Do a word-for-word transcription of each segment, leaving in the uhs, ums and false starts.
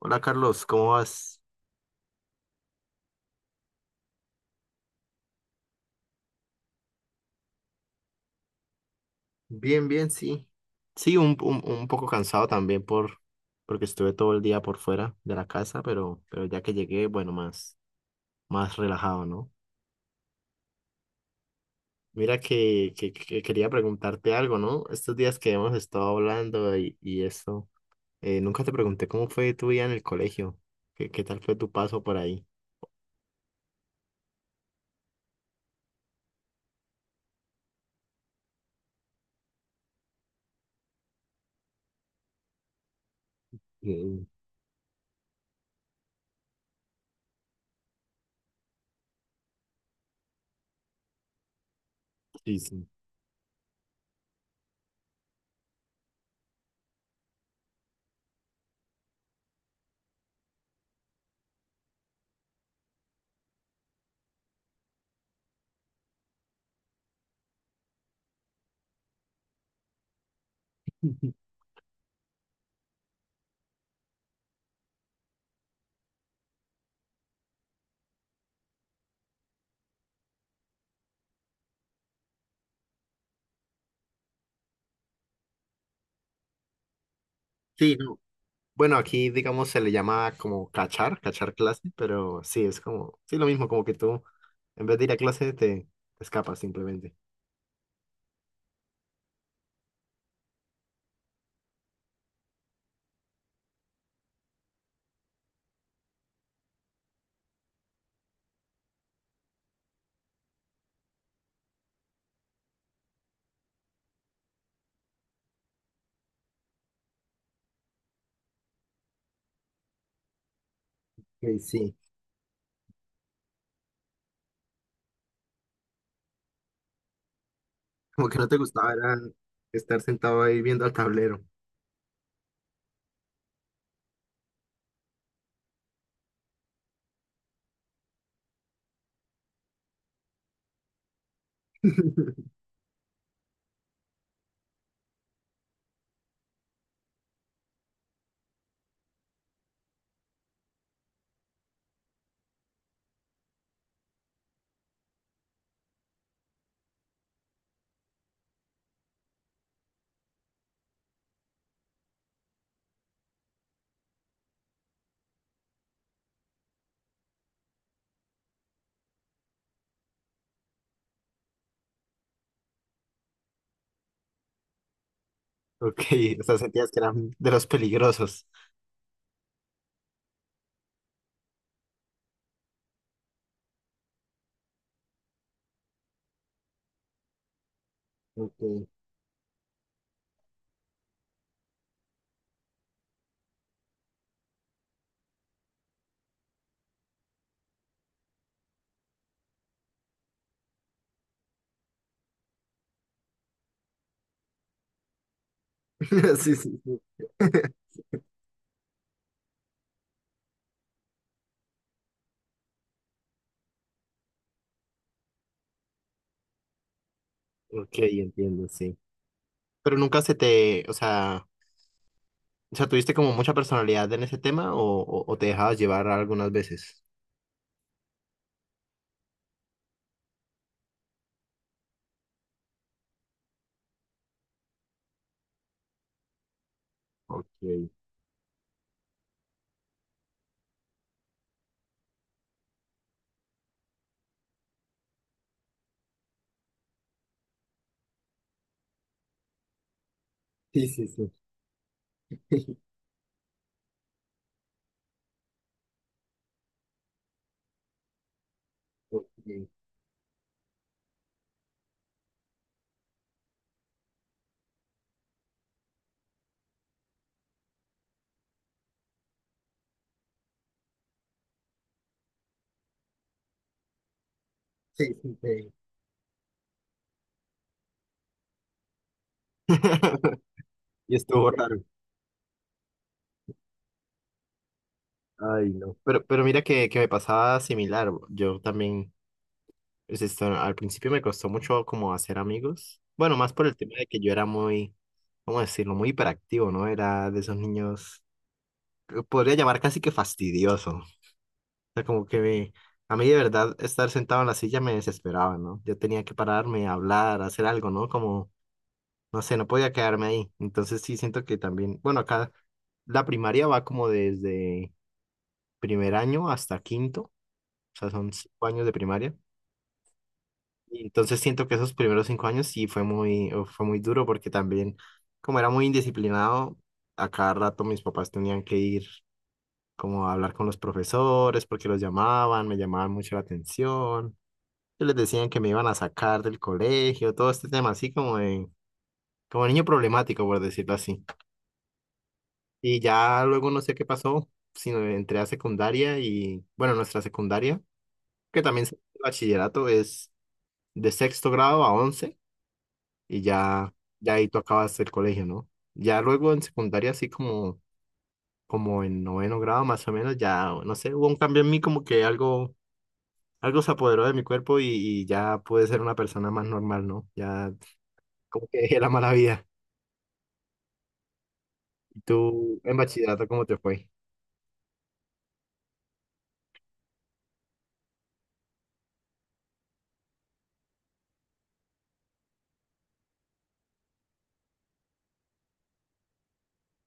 Hola Carlos, ¿cómo vas? Bien, bien, sí. Sí, un, un, un poco cansado también por, porque estuve todo el día por fuera de la casa, pero, pero ya que llegué, bueno, más, más relajado, ¿no? Mira que, que, que quería preguntarte algo, ¿no? Estos días que hemos estado hablando y, y eso, eh, nunca te pregunté cómo fue tu vida en el colegio, qué, qué tal fue tu paso por ahí. Mm. Sí, sí. Sí, no. Bueno, aquí, digamos, se le llama como cachar, cachar clase, pero sí, es como, sí, lo mismo, como que tú, en vez de ir a clase, te, escapas simplemente. Y sí, como que no te gustaba era estar sentado ahí viendo al tablero. Ok, o sea, sentías que eran de los peligrosos. Ok, sí, sí, sí. Ok, entiendo, sí. Pero nunca se te, o sea, o sea, ¿tuviste como mucha personalidad en ese tema o, o, o te dejabas llevar algunas veces? Ok, sí, sí, sí. Ok. Sí, sí, sí. Y estuvo raro. Ay, no. Pero, pero mira que, que me pasaba similar. Yo también, pues, esto, al principio me costó mucho como hacer amigos. Bueno, más por el tema de que yo era muy, ¿cómo decirlo? Muy hiperactivo, ¿no? Era de esos niños, eh, podría llamar casi que fastidioso. O sea, como que me- a mí de verdad estar sentado en la silla me desesperaba, ¿no? Yo tenía que pararme, hablar, hacer algo, ¿no? Como, no sé, no podía quedarme ahí. Entonces sí siento que también, bueno, acá la primaria va como desde primer año hasta quinto, o sea, son cinco años de primaria. Y entonces siento que esos primeros cinco años sí fue muy, eh, fue muy duro porque también, como era muy indisciplinado, a cada rato mis papás tenían que ir como a hablar con los profesores porque los llamaban, me llamaban mucho la atención, y les decían que me iban a sacar del colegio, todo este tema así como de, como niño problemático, por decirlo así. Y ya luego no sé qué pasó, sino entré a secundaria y, bueno, nuestra secundaria que también se- bachillerato es de sexto grado a once y ya, ya ahí tú acabas el colegio, ¿no? Ya luego en secundaria, así como, como en noveno grado más o menos, ya, no sé, hubo un cambio en mí como que algo, algo se apoderó de mi cuerpo y, y ya pude ser una persona más normal, ¿no? Ya como que dejé la mala vida. ¿Y tú en bachillerato cómo te fue?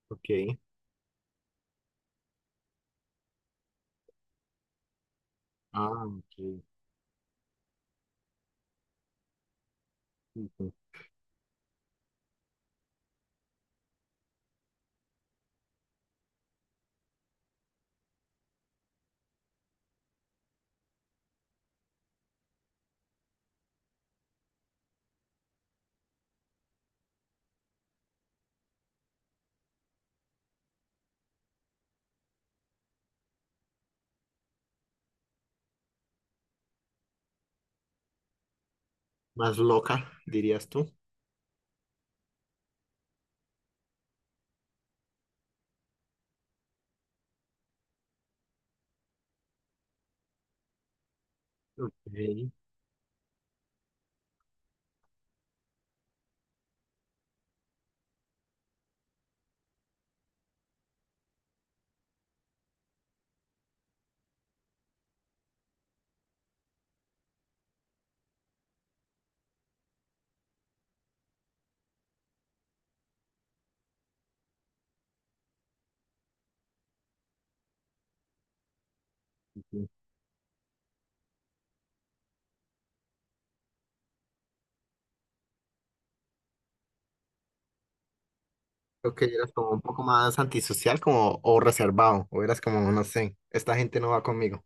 Ok. Ah, ok. Ujú. Más loca, dirías tú. Ok. Ujú. Creo que eras como un poco más antisocial como, o reservado, o eras como, no sé, esta gente no va conmigo.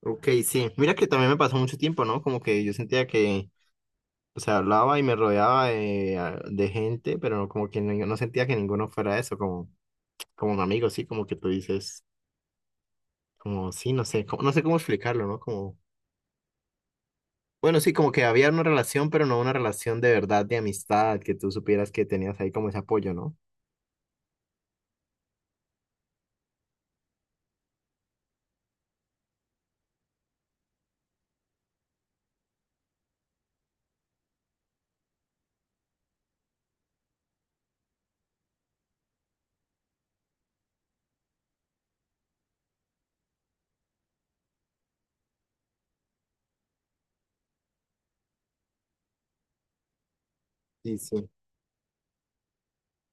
Ok, sí. Mira que también me pasó mucho tiempo, ¿no? Como que yo sentía que, o sea, hablaba y me rodeaba de, a- de gente, pero como que no, no sentía que ninguno fuera eso, como, como un amigo, sí, como que tú dices, como, sí, no sé, como- no sé cómo explicarlo, ¿no? Como, bueno, sí, como que había una relación, pero no una relación de verdad, de amistad, que tú supieras que tenías ahí como ese apoyo, ¿no? Sí, sí.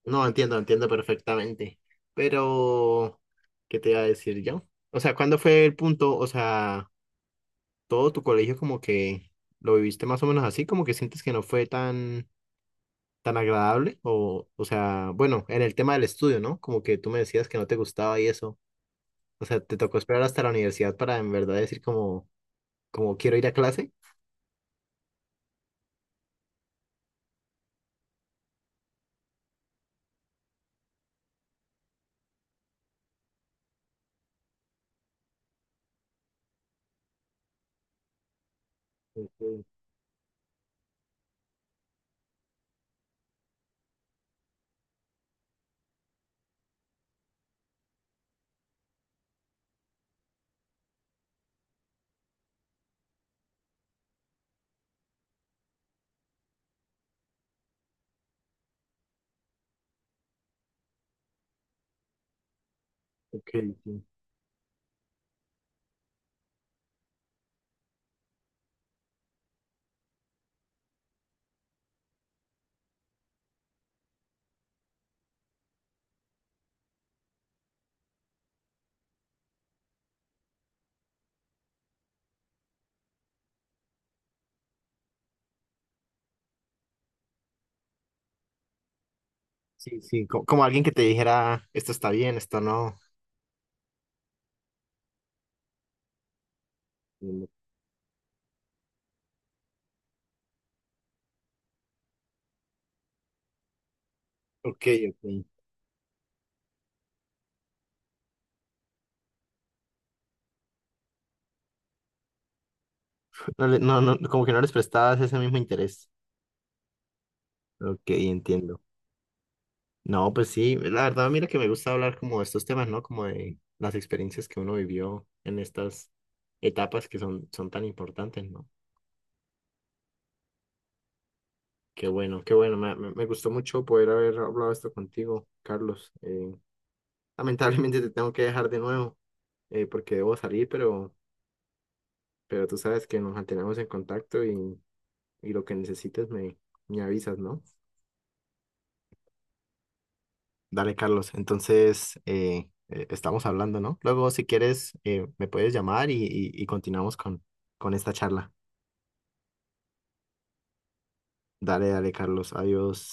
No, entiendo, entiendo perfectamente. Pero, ¿qué te iba a decir yo? O sea, ¿cuándo fue el punto? O sea, todo tu colegio como que lo viviste más o menos así, como que sientes que no fue tan, tan agradable, o, o sea, bueno, en el tema del estudio, ¿no? Como que tú me decías que no te gustaba y eso, o sea, ¿te tocó esperar hasta la universidad para en verdad decir como, como quiero ir a clase? Ok, ok, sí. Sí, sí, co- como, alguien que te dijera, esto está bien, esto no. Mm. Ok, ok. No, le- no, no, como que no les prestabas ese mismo interés. Ok, entiendo. No, pues sí, la verdad, mira que me gusta hablar como de estos temas, ¿no? Como de las experiencias que uno vivió en estas etapas que son, son tan importantes, ¿no? Qué bueno, qué bueno, me, me- me gustó mucho poder haber hablado esto contigo, Carlos. Eh, lamentablemente te tengo que dejar de nuevo, eh, porque debo salir, pero, pero tú sabes que nos mantenemos en contacto y, y lo que necesites me, me avisas, ¿no? Dale, Carlos. Entonces, eh, eh, estamos hablando, ¿no? Luego, si quieres, eh, me puedes llamar y, y- y continuamos con, con esta charla. Dale, dale, Carlos. Adiós.